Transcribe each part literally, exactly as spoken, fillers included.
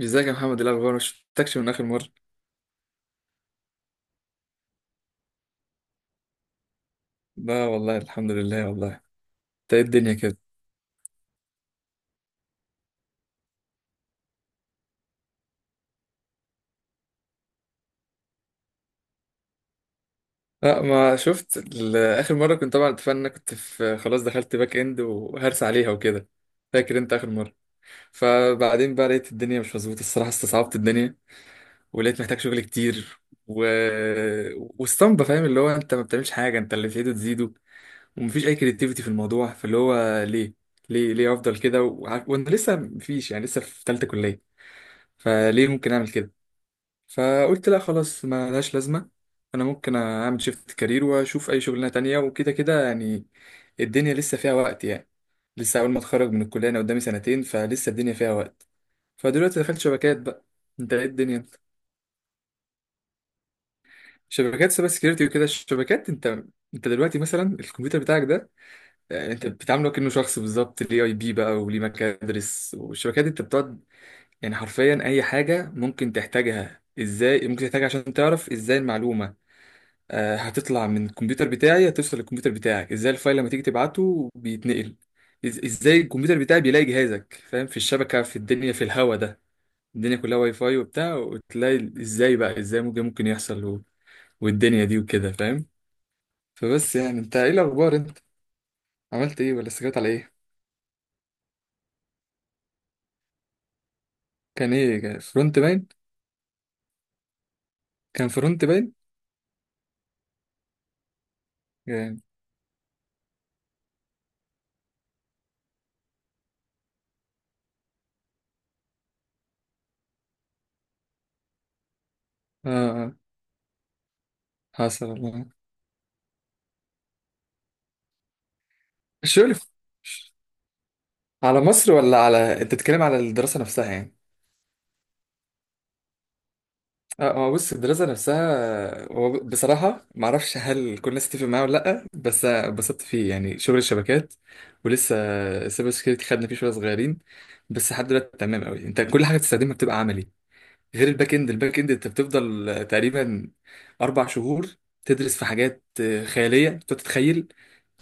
ازيك يا محمد، إيه الاخبار؟ ما شفتكش من اخر مره. لا والله، الحمد لله والله. انت ايه الدنيا كده؟ لا ما شفت ال- اخر مره كنت طبعا، اتفقنا إن أنا كنت في خلاص دخلت باك اند وهرس عليها وكده. فاكر انت اخر مره؟ فبعدين بقى لقيت الدنيا مش مظبوطه الصراحه، استصعبت الدنيا ولقيت محتاج شغل كتير و... واسطمبه فاهم، اللي هو انت ما بتعملش حاجه، انت اللي تزيده تزيده ومفيش اي كريتيفيتي في الموضوع، فاللي هو ليه ليه ليه افضل كده وع- وانا لسه مفيش يعني، لسه في ثالثه كليه، فليه ممكن اعمل كده؟ فقلت لا خلاص، ما لهاش لازمة. أنا ممكن أعمل شيفت كارير وأشوف أي شغلانة تانية، وكده كده يعني الدنيا لسه فيها وقت يعني. لسه أول ما أتخرج من الكلية أنا قدامي سنتين، فلسه الدنيا فيها وقت. فدلوقتي دخلت شبكات بقى. أنت إيه الدنيا؟ شبكات سايبر سكيورتي وكده، الشبكات. أنت أنت دلوقتي مثلا الكمبيوتر بتاعك ده، يعني أنت بتعامله كأنه شخص بالظبط، ليه أي بي بقى وليه مكادرس، والشبكات دي أنت بتقعد يعني حرفيا أي حاجة ممكن تحتاجها، إزاي ممكن تحتاجها عشان تعرف إزاي المعلومة آه، هتطلع من الكمبيوتر بتاعي هتوصل للكمبيوتر بتاعك، ازاي الفايل لما تيجي تبعته بيتنقل، إز- ازاي الكمبيوتر بتاعي بيلاقي جهازك فاهم في الشبكة في الدنيا في الهوا ده. الدنيا كلها واي فاي وبتاع، وتلاقي ازاي بقى ازاي ممكن ممكن يحصل و... والدنيا دي وكده فاهم. فبس يعني انت ايه الاخبار؟ انت عملت ايه ولا استجبت على ايه؟ كان ايه، كان فرونت باين؟ كان فرونت باين يعني؟ اه آه، حصل والله. الشغل في- على مصر ولا على، انت بتتكلم على الدراسة نفسها يعني؟ اه هو بص، الدراسة نفسها هو ب- بصراحة معرفش هل كل الناس تتفق معايا ولا لأ، بس اتبسطت فيه يعني شغل الشبكات ولسه. السايبر سكيورتي خدنا فيه شوية صغيرين بس لحد دلوقتي تمام قوي. انت كل حاجة بتستخدمها بتبقى عملي، غير الباك اند. الباك اند انت بتفضل تقريبا أربع شهور تدرس في حاجات خيالية، بتقعد تتخيل.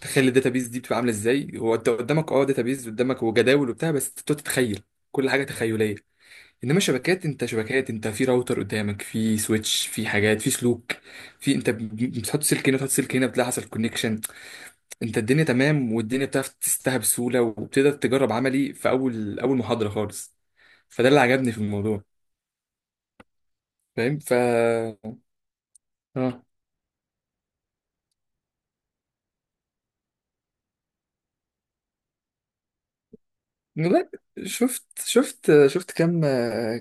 تخيل الداتابيز دي بتبقى عاملة ازاي، هو انت قدامك اه داتابيز قدامك وجداول وبتاع، بس بتقعد تتخيل كل حاجة تخيلية. انما شبكات، انت شبكات انت في راوتر قدامك، في سويتش، في حاجات، في سلوك، في انت ب- بتحط سلك هنا بتحط سلك هنا بتلاقي حصل كونكشن. انت الدنيا تمام، والدنيا بتعرف تستها بسهوله، وبتقدر تجرب عملي في اول اول محاضره خالص. فده اللي عجبني في الموضوع، فاهم ف اه لا شفت شفت شفت كم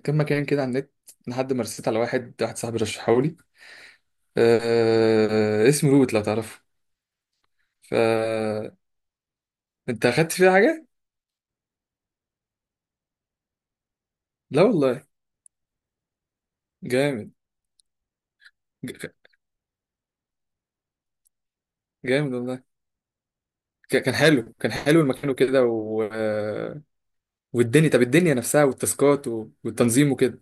كم مكان كده على النت، لحد ما رسيت على واحد واحد صاحبي رشحه لي. أه... اسمه روت، لو تعرفه. ف انت اخدت فيه حاجه؟ لا والله. جامد. ج- جامد والله. ك- كان حلو، كان حلو المكان وكده و... والدنيا. طب الدنيا نفسها والتاسكات و- والتنظيم وكده؟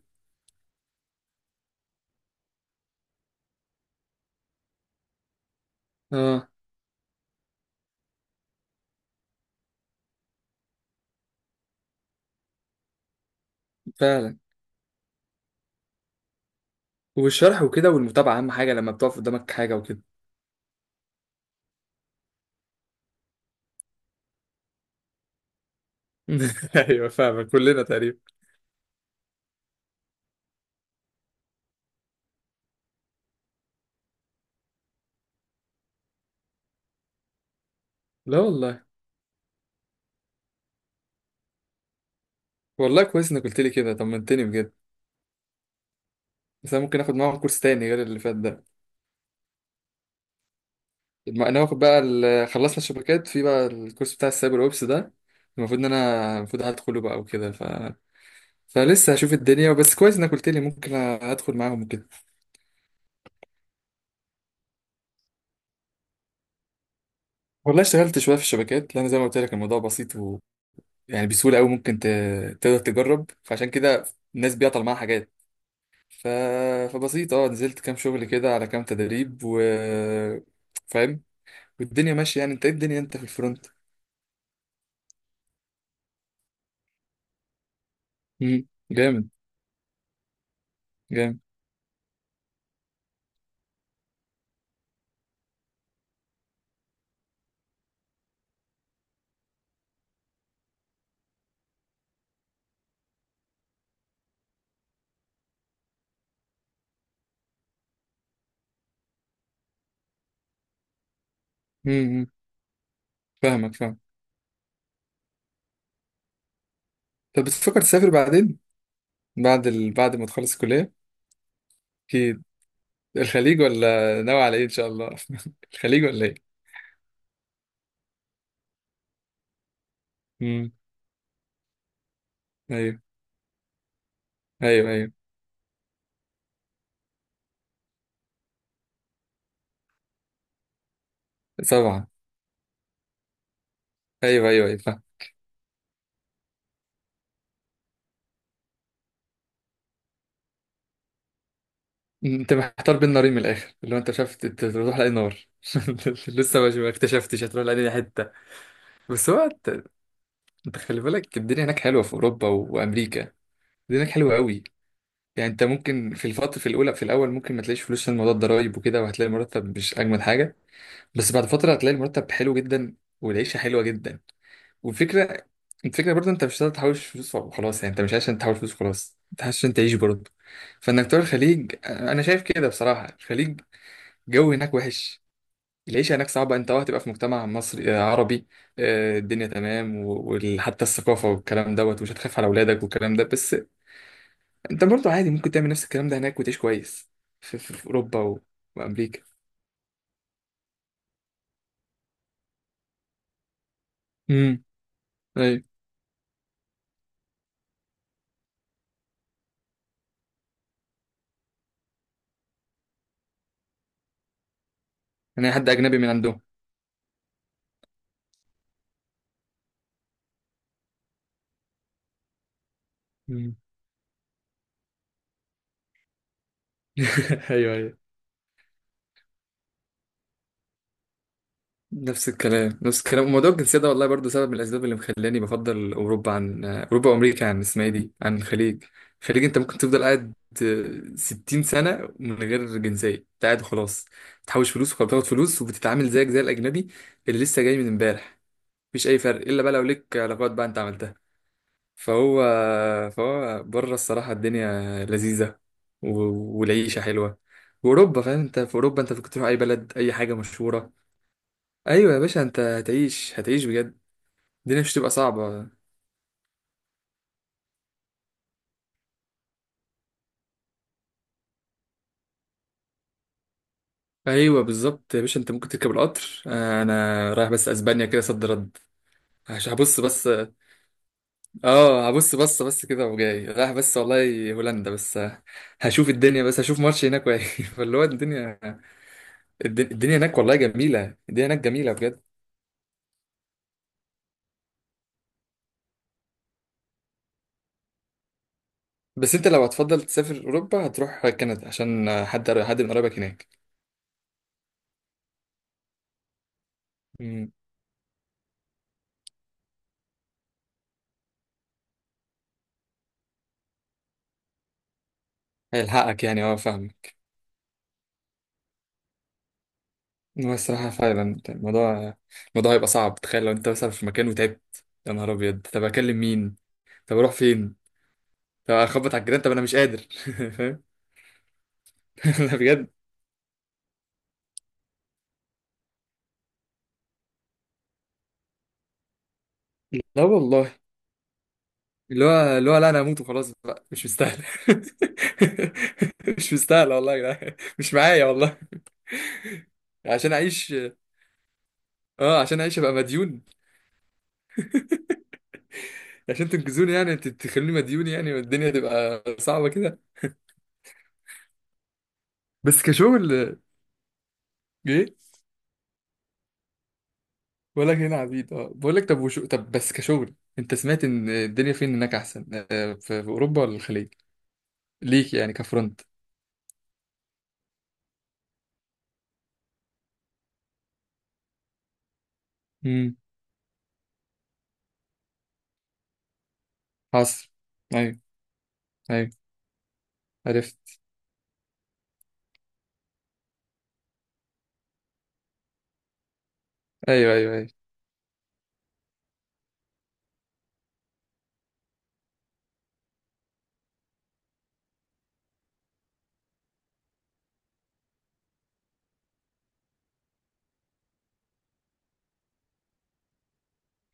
اه فعلا. والشرح وكده والمتابعة أهم حاجة، لما بتقف قدامك حاجة وكده. ايوه فاهمك، كلنا تقريبا. لا والله. والله كويس انك قلت لي كده، طمنتني بجد. بس انا ممكن اخد معاهم كورس تاني غير اللي فات ده. ما انا واخد بقى ال- خلصنا الشبكات، في بقى الكورس بتاع السايبر اوبس ده. المفروض ان انا المفروض هدخله بقى وكده ف فلسه هشوف الدنيا، بس كويس انك قلت لي ممكن ادخل معاهم وكده. والله اشتغلت شويه في الشبكات، لان زي ما قلت لك الموضوع بسيط و... يعني بسهوله قوي ممكن ت... تقدر تجرب، فعشان كده الناس بيعطل معاها حاجات ف... فبسيط. اه نزلت كام شغل كده على كام تدريب و فاهم، والدنيا ماشيه يعني. انت ايه الدنيا، انت في الفرونت؟ مم. جامد. جامد. مم. فاهمك، فاهم. طب بتفكر تسافر بعدين؟ بعد ال... بعد ما تخلص الكليه؟ اكيد. الخليج ولا ناوي على ايه ان شاء الله؟ الخليج ولا ايه؟ مم. ايوه ايوه ايوه. طبعا. ايوه ايوه ايوه. انت محتار بين نارين، من الاخر اللي هو انت شفت انت تروح لاي نار. لسه ما ما اكتشفتش هتروح لاي حته. بس هو انت، انت خلي بالك الدنيا هناك حلوه في اوروبا وامريكا. الدنيا هناك حلوه قوي. يعني انت ممكن في الفتره، في الاولى في الاول ممكن ما تلاقيش فلوس عشان موضوع الضرايب وكده، وهتلاقي المرتب مش اجمل حاجه. بس بعد فتره هتلاقي المرتب حلو جدا والعيشه حلوه جدا. والفكره، الفكره برضه انت مش هتقدر تحوش فلوس وخلاص يعني. انت مش عشان تحوش فلوس خلاص، انت عشان تعيش برضه. فانك تروح الخليج انا شايف كده بصراحه. الخليج جو هناك وحش، العيشة هناك صعبة، انت اه هتبقى في مجتمع مصري آه، عربي. آه، الدنيا تمام، وحتى الثقافة والكلام دوت، ومش هتخاف على أولادك والكلام ده، بس انت برضو عادي ممكن تعمل نفس الكلام ده هناك وتعيش كويس في, في, في أوروبا و... وأمريكا. امم. ايوه. انا حد أجنبي من عندهم. مم. ايوه ايوه. نفس الكلام نفس الكلام، وموضوع الجنسية ده والله برضو سبب من الأسباب اللي مخلاني بفضل أوروبا عن أوروبا وأمريكا عن اسمها إيه دي عن الخليج. الخليج أنت ممكن تفضل قاعد ستين سنة من غير جنسية، أنت قاعد وخلاص. بتحوش فلوس وخلاص، بتاخد فلوس وبتتعامل زيك زي الأجنبي اللي لسه جاي من امبارح. مفيش أي فرق، إلا بقى لو ليك علاقات بقى أنت عملتها. فهو فهو بره الصراحة الدنيا لذيذة و... والعيشة حلوة. وأوروبا فاهم، أنت في أوروبا أنت كنت تروح أي بلد أي حاجة مشهورة. ايوه يا باشا، انت هتعيش هتعيش بجد. الدنيا مش هتبقى صعبه. ايوه بالظبط يا باشا، انت ممكن تركب القطر، آه، انا رايح بس اسبانيا كده صد رد. هش- هبص بس. اه هبص بص بس كده وجاي، رايح بس والله هولندا بس آه، هشوف الدنيا، بس هشوف ماتش هناك واجي. فاللي هو الدنيا. الد- الدنيا هناك والله جميله، الدنيا هناك جميله بجد. بس انت لو هتفضل تسافر اوروبا هتروح كندا عشان آه، حد حد من قرايبك هناك. مم. هيلحقك يعني، اه فاهمك. هو الصراحة فعلا الموضوع، الموضوع هيبقى صعب. تخيل لو انت مثلا في مكان وتعبت يا نهار ابيض، طب اكلم مين؟ طب اروح فين؟ طب اخبط على الجيران؟ طب انا مش قادر. فاهم. لا بجد. لا والله اللي هو اللي هو، لا انا هموت وخلاص بقى، مش مستاهل. مش مستاهل والله يا جدعان، مش معايا والله. عشان اعيش. اه عشان اعيش ابقى مديون، عشان تنقذوني يعني تخلوني مديون يعني، والدنيا تبقى صعبة كده. بس كشغل. ايه بقول لك هنا عبيد، اه بقول لك طب وشو، طب بس كشغل انت سمعت ان الدنيا فين هناك احسن، آه، في في اوروبا ولا الخليج؟ ليك يعني كفرونت. امم. حصر. ايوه ايوه. عرفت. ايوه ايوه ايوه.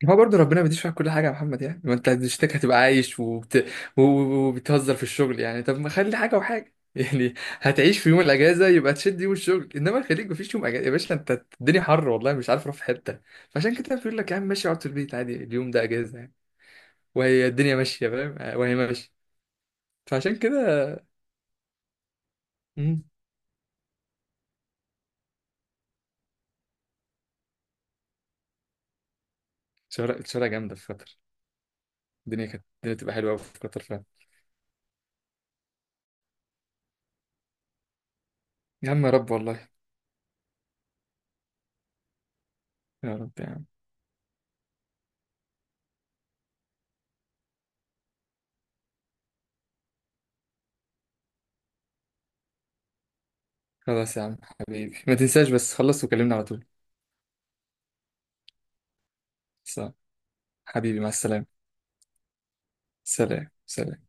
هو برضه ربنا ما بيديش معاك كل حاجه يا محمد، يعني ما انت هتشتكي هتبقى عايش وبت... و- و- وبتهزر في الشغل يعني، طب ما خلي حاجه وحاجه يعني. هتعيش في يوم الاجازه يبقى تشد يوم الشغل، انما الخليج مفيش يوم اجازه يا باشا، انت الدنيا حر والله مش عارف اروح في حته. فعشان كده بيقول لك يا عم ماشي اقعد في البيت عادي، اليوم ده اجازه. وهي الدنيا ماشيه فاهم، آه، وهي ماشيه. فعشان كده. مم، الشوارع الشوارع جامده في قطر. الدنيا كانت، الدنيا تبقى حلوه قوي في قطر فعلا. يا عم يا رب والله. يا رب يا عم. خلاص يا عم حبيبي، ما تنساش بس خلص وكلمنا على طول. صح. حبيبي مع السلامه. سلام سلام.